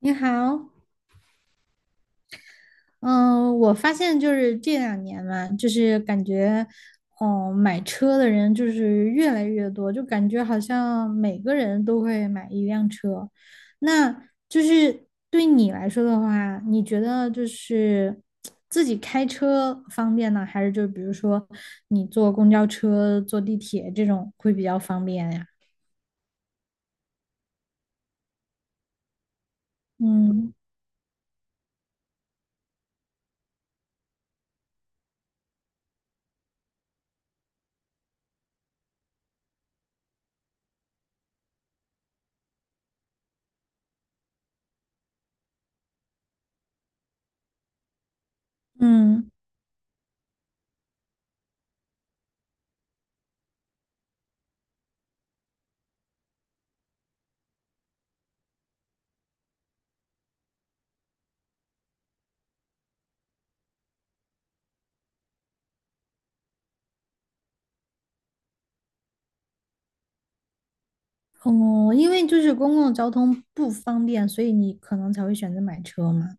你好，嗯，我发现就是这两年嘛，就是感觉，哦，买车的人就是越来越多，就感觉好像每个人都会买一辆车。那就是对你来说的话，你觉得就是自己开车方便呢，还是就比如说你坐公交车、坐地铁这种会比较方便呀？嗯嗯。哦，因为就是公共交通不方便，所以你可能才会选择买车嘛。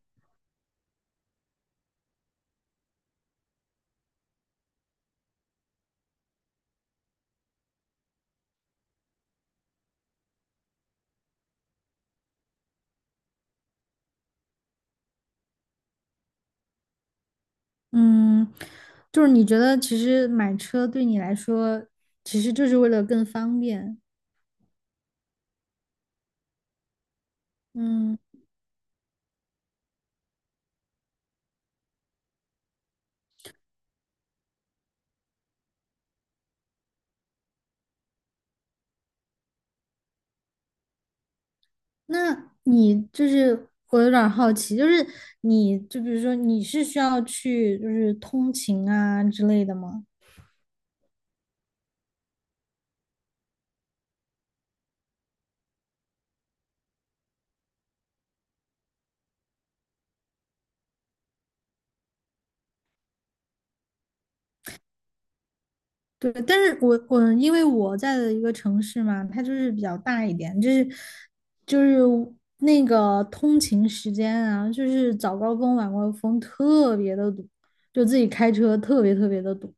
嗯，就是你觉得其实买车对你来说，其实就是为了更方便。嗯，那你就是我有点儿好奇，就是你就比如说你是需要去就是通勤啊之类的吗？对，但是我因为我在的一个城市嘛，它就是比较大一点，就是就是那个通勤时间啊，就是早高峰、晚高峰特别的堵，就自己开车特别特别的堵。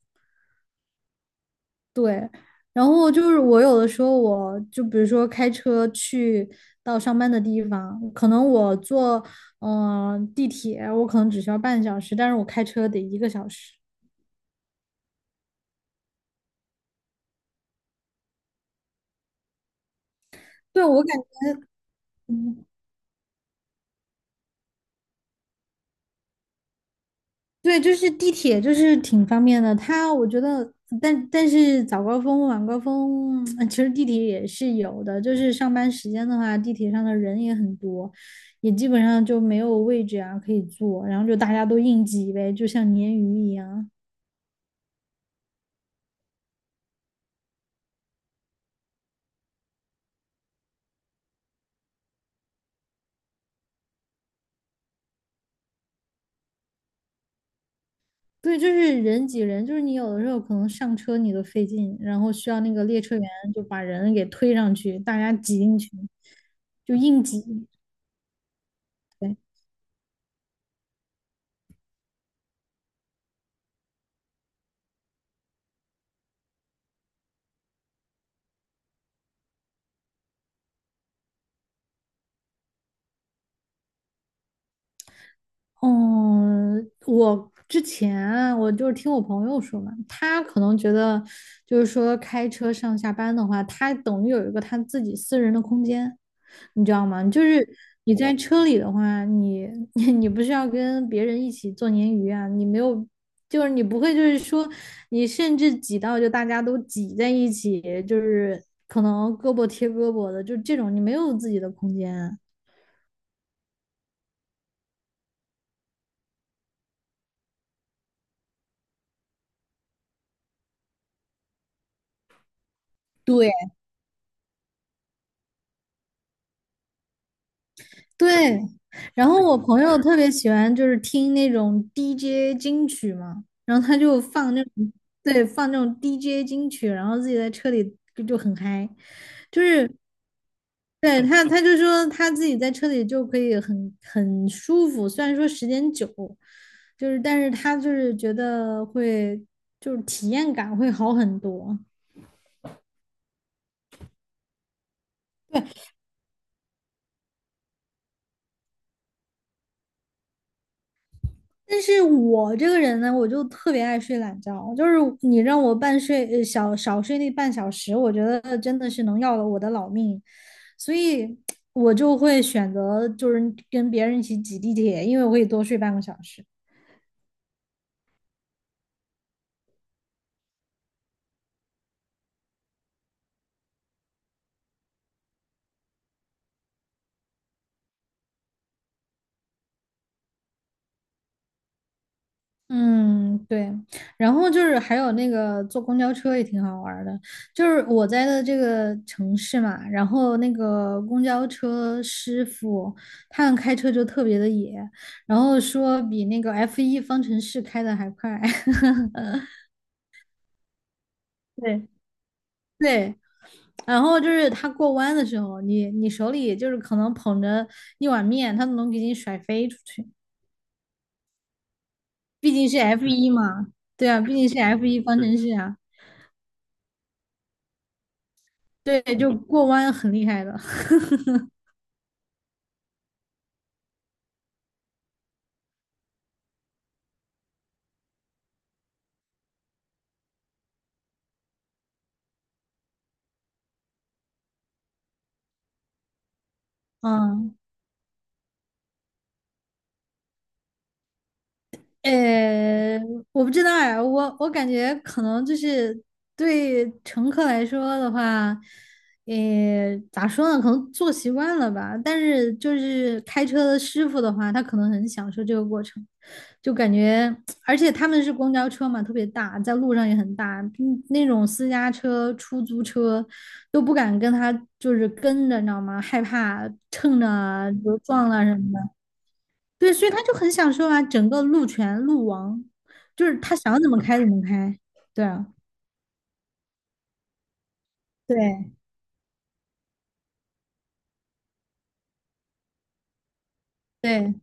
对，然后就是我有的时候我就比如说开车去到上班的地方，可能我坐地铁，我可能只需要半小时，但是我开车得一个小时。对，我感觉。对，就是地铁，就是挺方便的。它我觉得，但是早高峰、晚高峰，其实地铁也是有的。就是上班时间的话，地铁上的人也很多，也基本上就没有位置啊可以坐，然后就大家都硬挤呗，就像鲶鱼一样。对，就是人挤人，就是你有的时候可能上车你都费劲，然后需要那个列车员就把人给推上去，大家挤进去，就硬挤。对。嗯，我之前我就是听我朋友说嘛，他可能觉得就是说开车上下班的话，他等于有一个他自己私人的空间，你知道吗？就是你在车里的话，你 你不是要跟别人一起做鲶鱼啊，你没有，就是你不会就是说你甚至挤到就大家都挤在一起，就是可能胳膊贴胳膊的，就这种你没有自己的空间。对。对，然后我朋友特别喜欢就是听那种 DJ 金曲嘛，然后他就放那种，对，放那种 DJ 金曲，然后自己在车里就很嗨，就是对他，他就说他自己在车里就可以很舒服，虽然说时间久，就是但是他就是觉得会就是体验感会好很多。但是我这个人呢，我就特别爱睡懒觉，就是你让我半睡，呃，小少睡那半小时，我觉得真的是能要了我的老命，所以我就会选择就是跟别人一起挤地铁，因为我可以多睡半个小时。嗯，对，然后就是还有那个坐公交车也挺好玩儿的，就是我在的这个城市嘛，然后那个公交车师傅他们开车就特别的野，然后说比那个 f 一方程式开的还快。对，对，然后就是他过弯的时候，你手里就是可能捧着一碗面，他都能给你甩飞出去。毕竟是 f 一嘛，对啊，毕竟是 f 一方程式啊，对，就过弯很厉害的。嗯，呃，我不知道呀，我感觉可能就是对乘客来说的话，咋说呢，可能坐习惯了吧。但是就是开车的师傅的话，他可能很享受这个过程，就感觉，而且他们是公交车嘛，特别大，在路上也很大，那种私家车、出租车都不敢跟他就是跟着，你知道吗？害怕蹭着啊，比如撞了什么的。对，所以他就很享受啊，整个路权路王，就是他想怎么开怎么开。对啊，对对，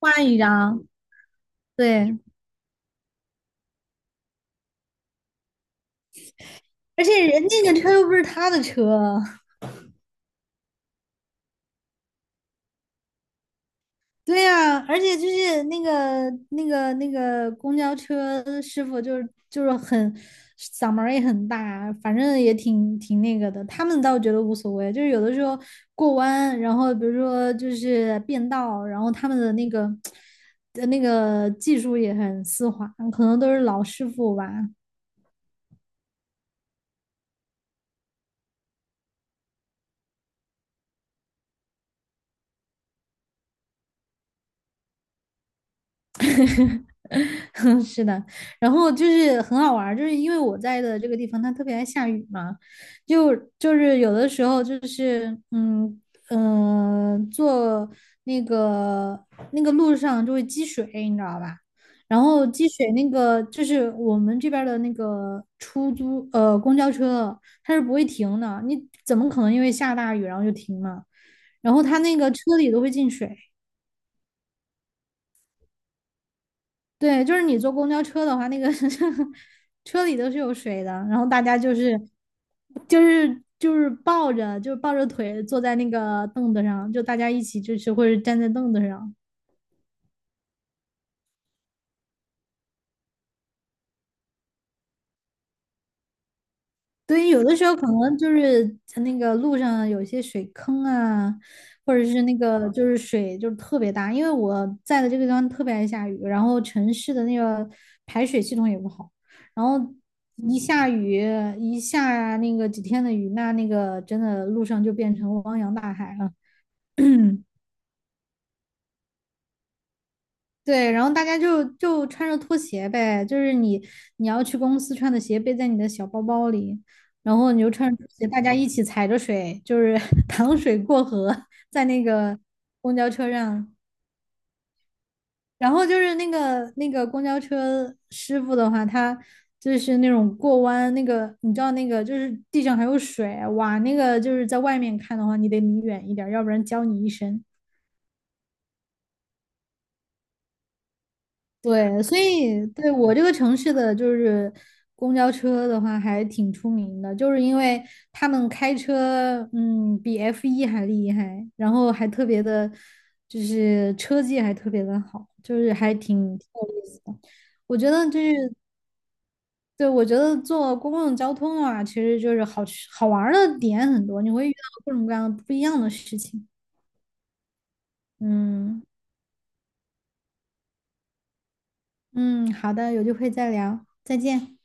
换一张，对，而且人家的车又不是他的车，对呀，而且就是那个公交车师傅，就是很嗓门儿也很大，反正也挺那个的。他们倒觉得无所谓，就是有的时候过弯，然后比如说就是变道，然后他们的那个技术也很丝滑，可能都是老师傅吧。是的，然后就是很好玩儿就是因为我在的这个地方它特别爱下雨嘛，就是有的时候就是坐那个路上就会积水，你知道吧？然后积水那个就是我们这边儿的那个公交车它是不会停的，你怎么可能因为下大雨然后就停呢？然后它那个车里都会进水。对，就是你坐公交车的话，那个 车里都是有水的，然后大家就是就是就是抱着就是抱着腿坐在那个凳子上，就大家一起就是或者站在凳子上。对，有的时候可能就是在那个路上有些水坑啊，或者是那个就是水就是特别大，因为我在的这个地方特别爱下雨，然后城市的那个排水系统也不好，然后一下雨一下那个几天的雨，那个真的路上就变成汪洋大海了。对，然后大家就穿着拖鞋呗，就是你要去公司穿的鞋背在你的小包包里，然后你就穿着拖鞋，大家一起踩着水，就是 淌水过河，在那个公交车上。然后就是那个公交车师傅的话，他就是那种过弯，那个你知道那个就是地上还有水，哇，那个就是在外面看的话，你得离远一点儿，要不然浇你一身。对，所以对我这个城市的就是公交车的话，还挺出名的，就是因为他们开车，比 f 一还厉害，然后还特别的，就是车技还特别的好，就是还挺有意思的。我觉得就是，对，我觉得坐公共交通啊，其实就是好吃好玩儿的点很多，你会遇到各种各样的不一样的事情。嗯嗯，好的，有机会再聊，再见。